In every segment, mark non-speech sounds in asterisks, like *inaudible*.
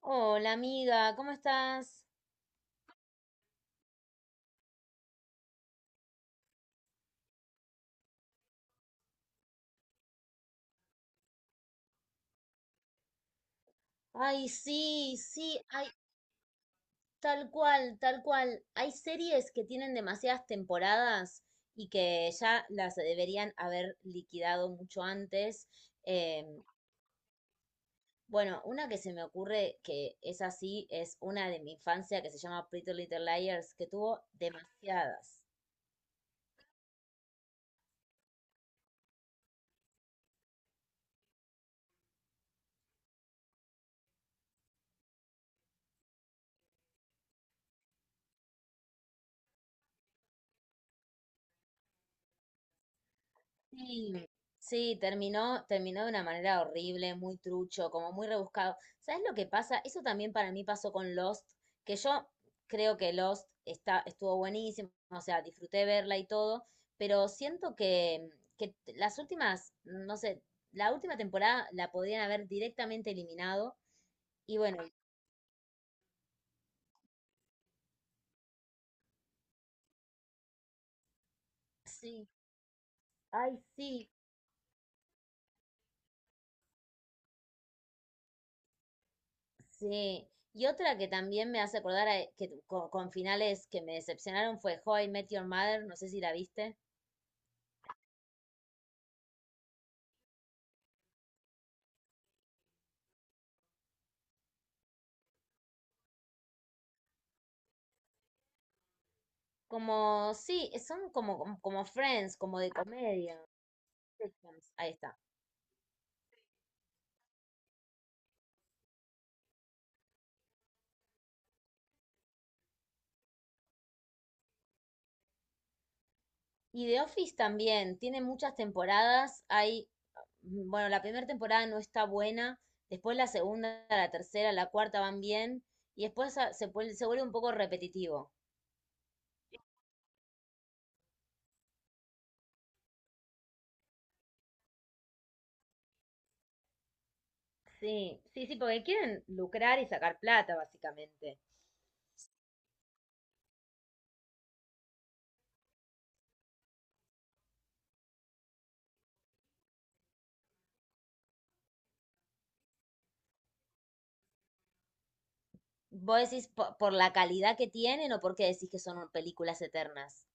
Hola amiga, ¿cómo estás? Ay, sí, sí, ay, tal cual, tal cual. Hay series que tienen demasiadas temporadas y que ya las deberían haber liquidado mucho antes. Eh, bueno, una que se me ocurre que es así, es una de mi infancia que se llama Pretty Little Liars, que tuvo demasiadas. Sí, sí, terminó, de una manera horrible, muy trucho, como muy rebuscado. ¿Sabes lo que pasa? Eso también para mí pasó con Lost, que yo creo que Lost estuvo buenísimo, o sea, disfruté verla y todo, pero siento que las últimas, no sé, la última temporada la podrían haber directamente eliminado. Y bueno, sí, ay, sí, sí. Y otra que también me hace que con finales que me decepcionaron fue How I Met Your Mother, no sé si la viste. Sí, son como, como Friends, como de comedia. Sitcoms, ahí está. Y The Office también, tiene muchas temporadas. Bueno, la primera temporada no está buena, después la segunda, la tercera, la cuarta van bien, y después se vuelve un poco repetitivo. Sí, sí, sí, porque quieren lucrar y sacar plata, básicamente. ¿Vos decís por la calidad que tienen o porque decís que son películas eternas?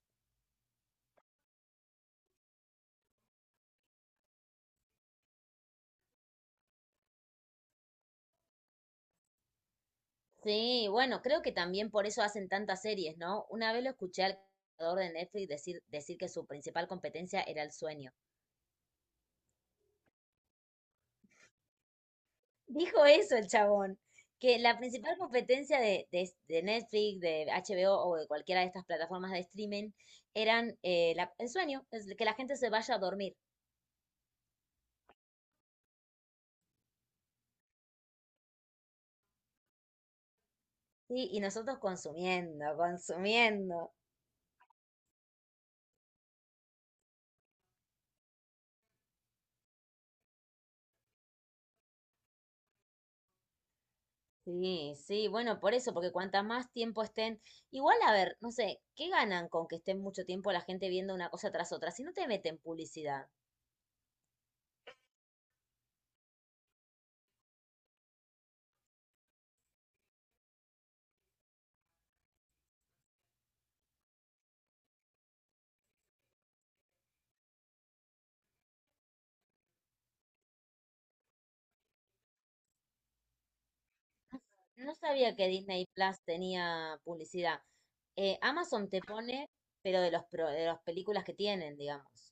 Sí, bueno, creo que también por eso hacen tantas series, ¿no? Una vez lo escuché al creador de Netflix decir que su principal competencia era el sueño. Dijo eso el chabón, que la principal competencia de Netflix, de HBO o de cualquiera de estas plataformas de streaming eran el sueño, es que la gente se vaya a dormir. Sí, y nosotros consumiendo, consumiendo. Sí, sí, bueno, por eso, porque cuantas más tiempo estén, igual a ver, no sé, ¿qué ganan con que estén mucho tiempo la gente viendo una cosa tras otra? Si no te meten publicidad. No, no sabía que Disney Plus tenía publicidad. Amazon te pone, pero de las películas que tienen, digamos.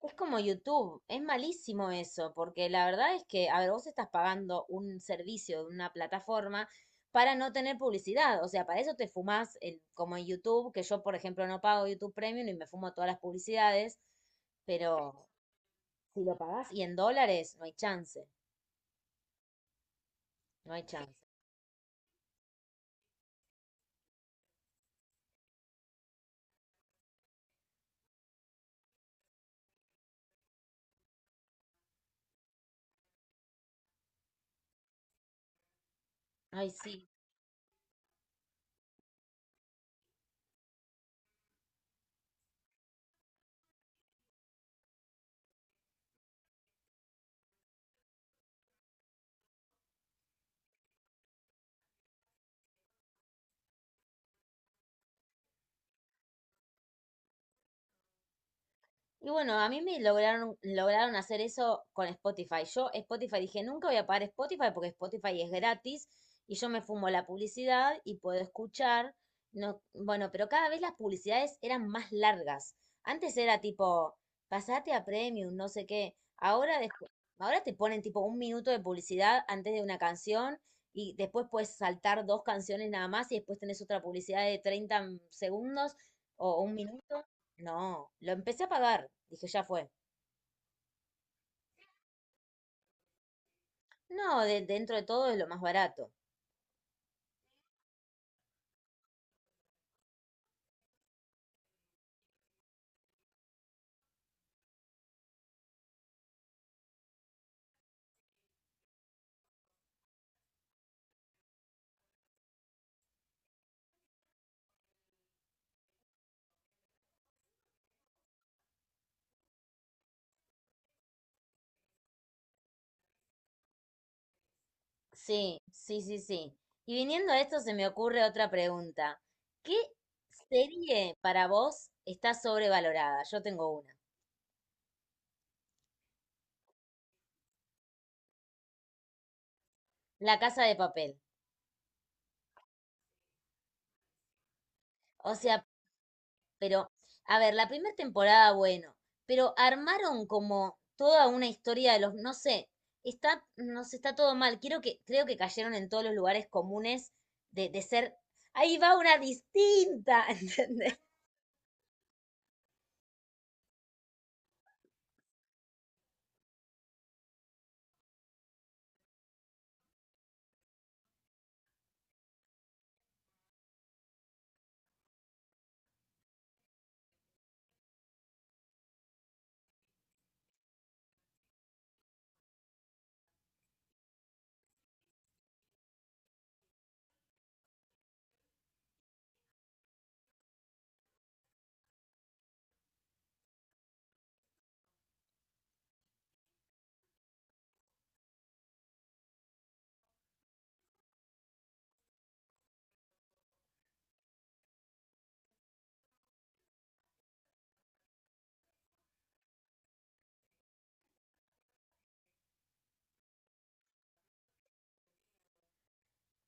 Es como YouTube, es malísimo eso, porque la verdad es que, a ver, vos estás pagando un servicio de una plataforma para no tener publicidad, o sea, para eso te fumás, el, como en YouTube, que yo, por ejemplo, no pago YouTube Premium y me fumo todas las publicidades, pero si lo pagás y en dólares, no hay chance, no hay chance. Ay, sí. Y bueno, a mí me lograron, lograron hacer eso con Spotify. Yo Spotify dije, nunca voy a pagar Spotify porque Spotify es gratis y yo me fumo la publicidad y puedo escuchar. No, bueno, pero cada vez las publicidades eran más largas. Antes era tipo, pasate a Premium, no sé qué. Ahora, ahora te ponen tipo un minuto de publicidad antes de una canción y después puedes saltar dos canciones nada más y después tenés otra publicidad de 30 segundos o un minuto. No, lo empecé a pagar. Dije, ya fue. No, dentro de todo es lo más barato. Sí, sí, sí, sí. Y viniendo a esto se me ocurre otra pregunta. ¿Qué serie para vos está sobrevalorada? Yo tengo una. La Casa de Papel. O sea, pero, a ver, la primera temporada, bueno, pero armaron como toda una historia de los, no sé, está, no sé, está todo mal. Quiero que, creo que cayeron en todos los lugares comunes de ser, ahí va una distinta, *laughs* ¿entendés?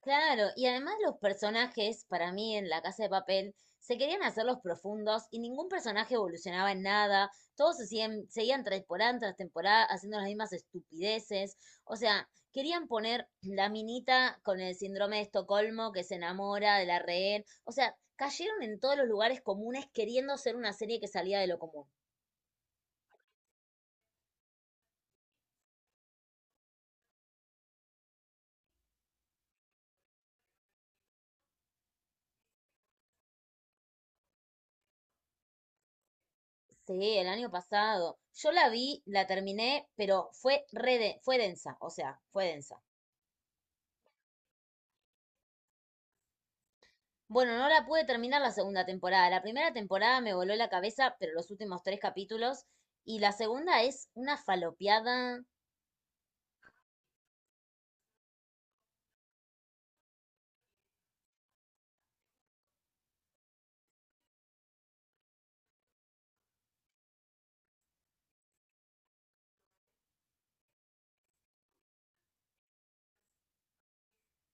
Claro, y además los personajes, para mí en La Casa de Papel, se querían hacer los profundos y ningún personaje evolucionaba en nada, todos seguían temporada tras temporada haciendo las mismas estupideces, o sea, querían poner la minita con el síndrome de Estocolmo que se enamora de la rehén, o sea, cayeron en todos los lugares comunes queriendo ser una serie que salía de lo común. Sí, el año pasado. Yo la vi, la terminé, pero fue densa, o sea, fue densa. Bueno, no la pude terminar la segunda temporada. La primera temporada me voló la cabeza, pero los últimos tres capítulos. Y la segunda es una falopeada,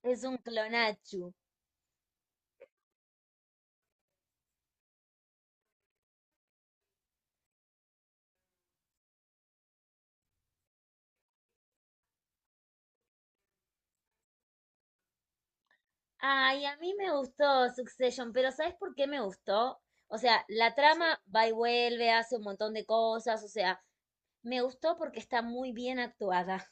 es un clonachu. Ay, a mí me gustó Succession, pero ¿sabes por qué me gustó? O sea, la trama va y vuelve, hace un montón de cosas, o sea, me gustó porque está muy bien actuada.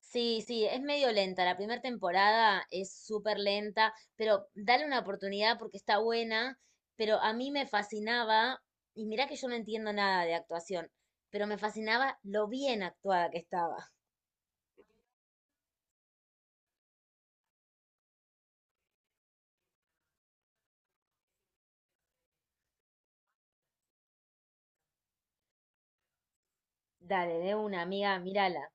Sí, sí, es medio lenta. La primera temporada es súper lenta, pero dale una oportunidad porque está buena. Pero a mí me fascinaba, y mirá que yo no entiendo nada de actuación, pero me fascinaba lo bien actuada que estaba. Dale, de una, amiga, mírala.